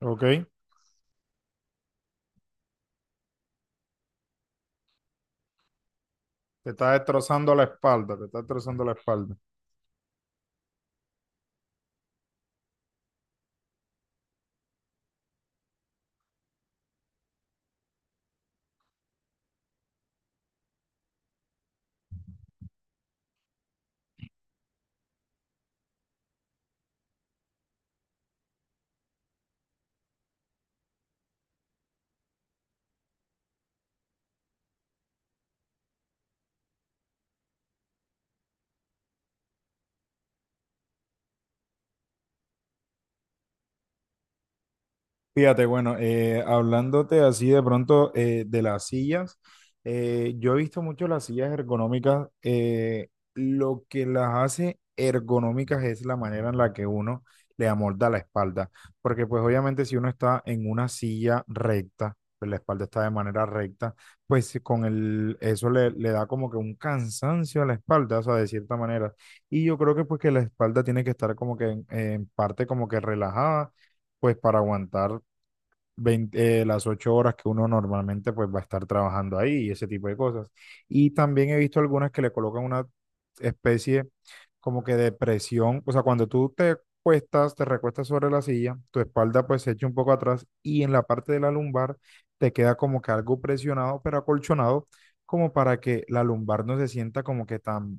Ok. Te está destrozando la espalda, te está destrozando la espalda. Fíjate, bueno, hablándote así de pronto de las sillas, yo he visto mucho las sillas ergonómicas. Lo que las hace ergonómicas es la manera en la que uno le amolda la espalda, porque pues obviamente si uno está en una silla recta, pues la espalda está de manera recta, pues con eso le da como que un cansancio a la espalda, o sea, de cierta manera. Y yo creo que pues que la espalda tiene que estar como que en parte como que relajada pues para aguantar 20 las 8 horas que uno normalmente pues va a estar trabajando ahí y ese tipo de cosas. Y también he visto algunas que le colocan una especie como que de presión, o sea, cuando tú te cuestas, te recuestas sobre la silla, tu espalda pues se echa un poco atrás y en la parte de la lumbar te queda como que algo presionado, pero acolchonado, como para que la lumbar no se sienta como que tan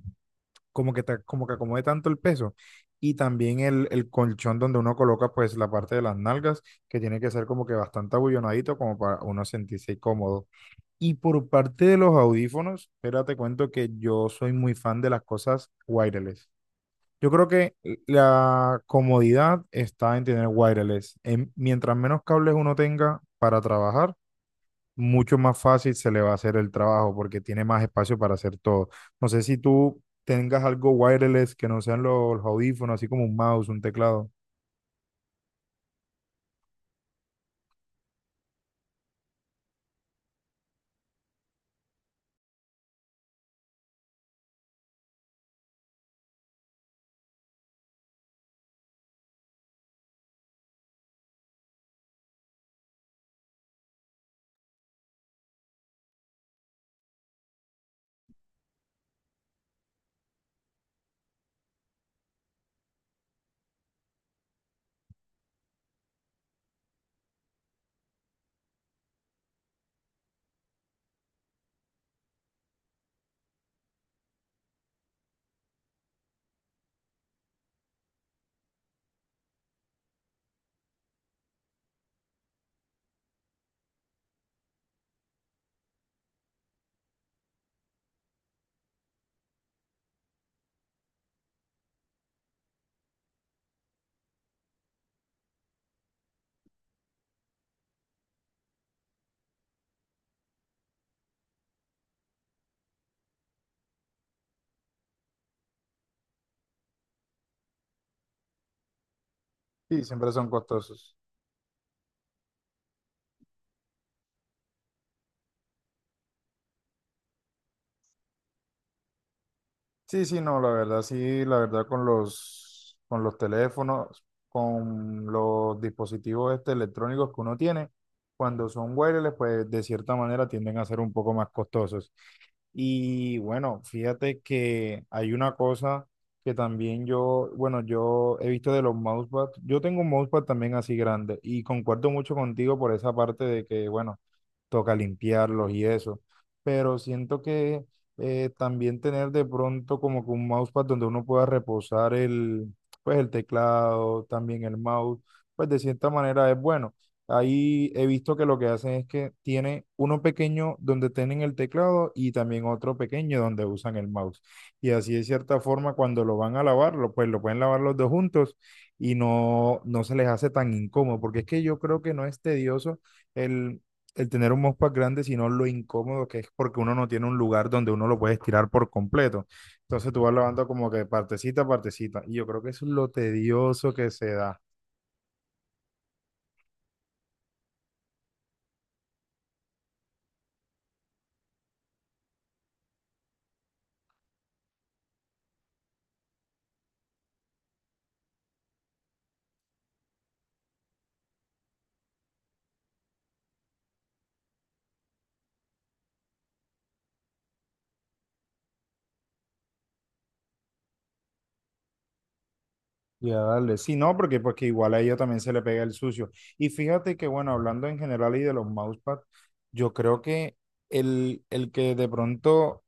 como que, como que acomode tanto el peso. Y también el colchón donde uno coloca pues la parte de las nalgas, que tiene que ser como que bastante abullonadito como para uno sentirse cómodo. Y por parte de los audífonos, espérate, te cuento que yo soy muy fan de las cosas wireless. Yo creo que la comodidad está en tener wireless. Mientras menos cables uno tenga para trabajar, mucho más fácil se le va a hacer el trabajo porque tiene más espacio para hacer todo. No sé si tú tengas algo wireless que no sean los audífonos, así como un mouse, un teclado. Sí, siempre son costosos. Sí, sí, no, la verdad, sí, la verdad con con los teléfonos, con los dispositivos este electrónicos que uno tiene, cuando son wireless, pues de cierta manera tienden a ser un poco más costosos. Y bueno, fíjate que hay una cosa que también yo, bueno, yo he visto de los mousepad, yo tengo un mousepad también así grande y concuerdo mucho contigo por esa parte de que, bueno, toca limpiarlos y eso, pero siento que también tener de pronto como que un mousepad donde uno pueda reposar pues el teclado, también el mouse, pues de cierta manera es bueno. Ahí he visto que lo que hacen es que tiene uno pequeño donde tienen el teclado y también otro pequeño donde usan el mouse. Y así de cierta forma cuando lo van a lavar, pues lo pueden lavar los dos juntos y no, no se les hace tan incómodo, porque es que yo creo que no es tedioso el tener un mousepad grande, sino lo incómodo que es porque uno no tiene un lugar donde uno lo puede estirar por completo. Entonces tú vas lavando como que partecita a partecita. Y yo creo que eso es lo tedioso que se da. Ya, dale. Sí, no, porque, pues que igual a ella también se le pega el sucio. Y fíjate que, bueno, hablando en general y de los mousepads, yo creo que el que de pronto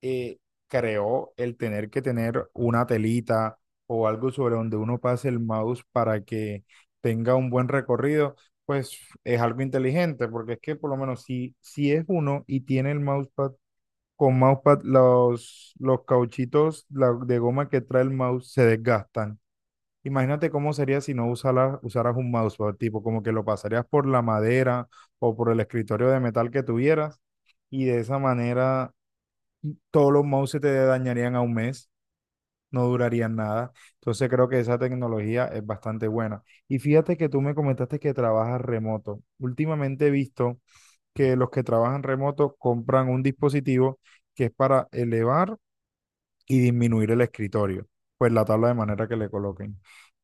eh, creó el tener que tener una telita o algo sobre donde uno pase el mouse para que tenga un buen recorrido, pues es algo inteligente, porque es que por lo menos si es uno y tiene el mousepad, con mousepad los cauchitos de goma que trae el mouse se desgastan. Imagínate cómo sería si no usaras un mousepad, tipo como que lo pasarías por la madera o por el escritorio de metal que tuvieras y de esa manera todos los mouse se te dañarían a un mes, no durarían nada. Entonces creo que esa tecnología es bastante buena. Y fíjate que tú me comentaste que trabajas remoto. Últimamente he visto que los que trabajan remoto compran un dispositivo que es para elevar y disminuir el escritorio, pues la tabla de manera que le coloquen.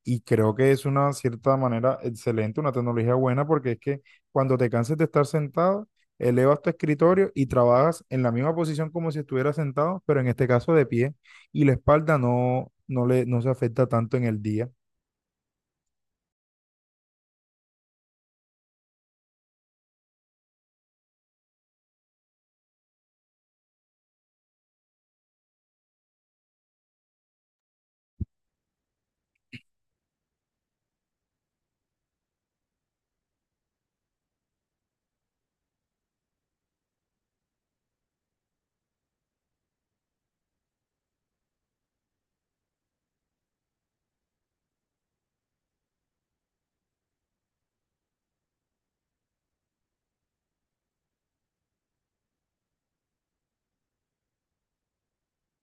Y creo que es una cierta manera excelente, una tecnología buena, porque es que cuando te canses de estar sentado, elevas tu escritorio y trabajas en la misma posición como si estuvieras sentado, pero en este caso de pie, y la espalda no, no se afecta tanto en el día.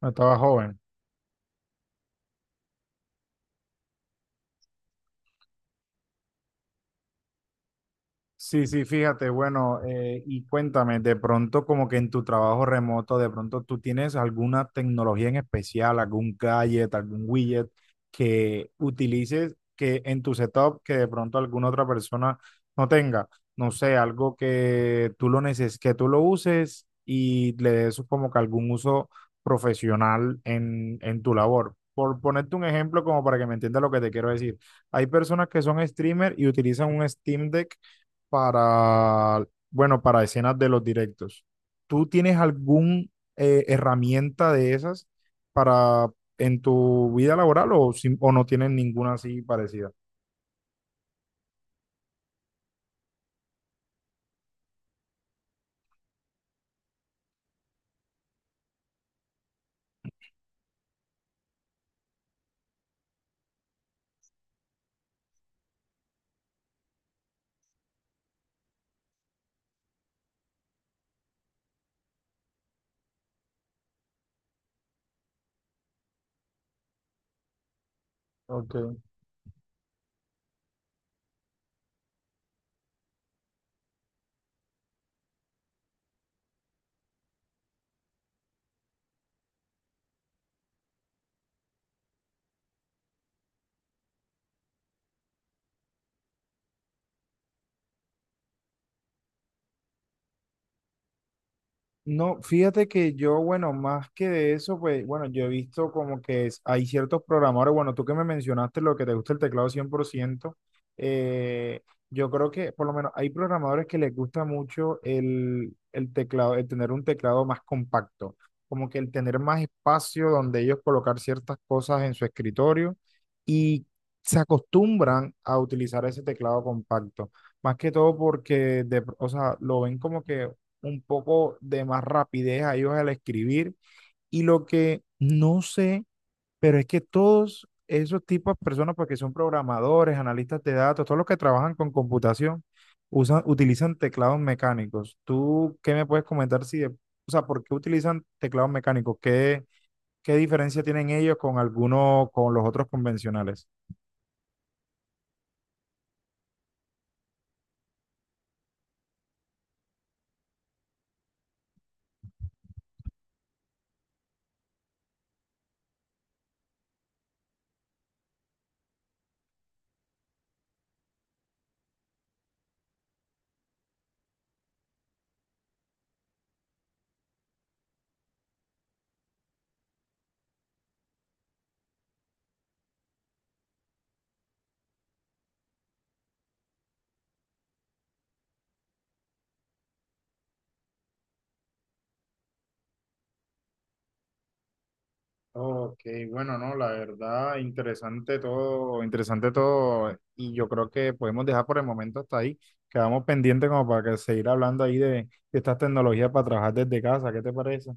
Estaba joven. Sí, sí, fíjate, bueno, y cuéntame, de pronto como que en tu trabajo remoto, de pronto tú tienes alguna tecnología en especial, algún gadget, algún widget que utilices que en tu setup que de pronto alguna otra persona no tenga, no sé, algo que tú lo neces que tú lo uses y le des como que algún uso profesional en tu labor. Por ponerte un ejemplo como para que me entiendas lo que te quiero decir. Hay personas que son streamer y utilizan un Steam Deck para, bueno, para escenas de los directos. ¿Tú tienes alguna herramienta de esas para en tu vida laboral o, o no tienes ninguna así parecida? Ok. No, fíjate que yo, bueno, más que de eso, pues, bueno, yo he visto como que hay ciertos programadores, bueno, tú que me mencionaste lo que te gusta el teclado 100%, eh, yo creo que por lo menos hay programadores que les gusta mucho el teclado, el tener un teclado más compacto, como que el tener más espacio donde ellos colocar ciertas cosas en su escritorio y se acostumbran a utilizar ese teclado compacto. Más que todo porque, o sea, lo ven como que un poco de más rapidez a ellos al escribir. Y lo que no sé, pero es que todos esos tipos de personas, porque son programadores, analistas de datos, todos los que trabajan con computación, utilizan teclados mecánicos. ¿Tú qué me puedes comentar si, o sea, por qué utilizan teclados mecánicos? ¿Qué, qué diferencia tienen ellos con algunos, con los otros convencionales? Ok, bueno, no, la verdad, interesante todo, y yo creo que podemos dejar por el momento hasta ahí. Quedamos pendientes como para que seguir hablando ahí de estas tecnologías para trabajar desde casa, ¿qué te parece?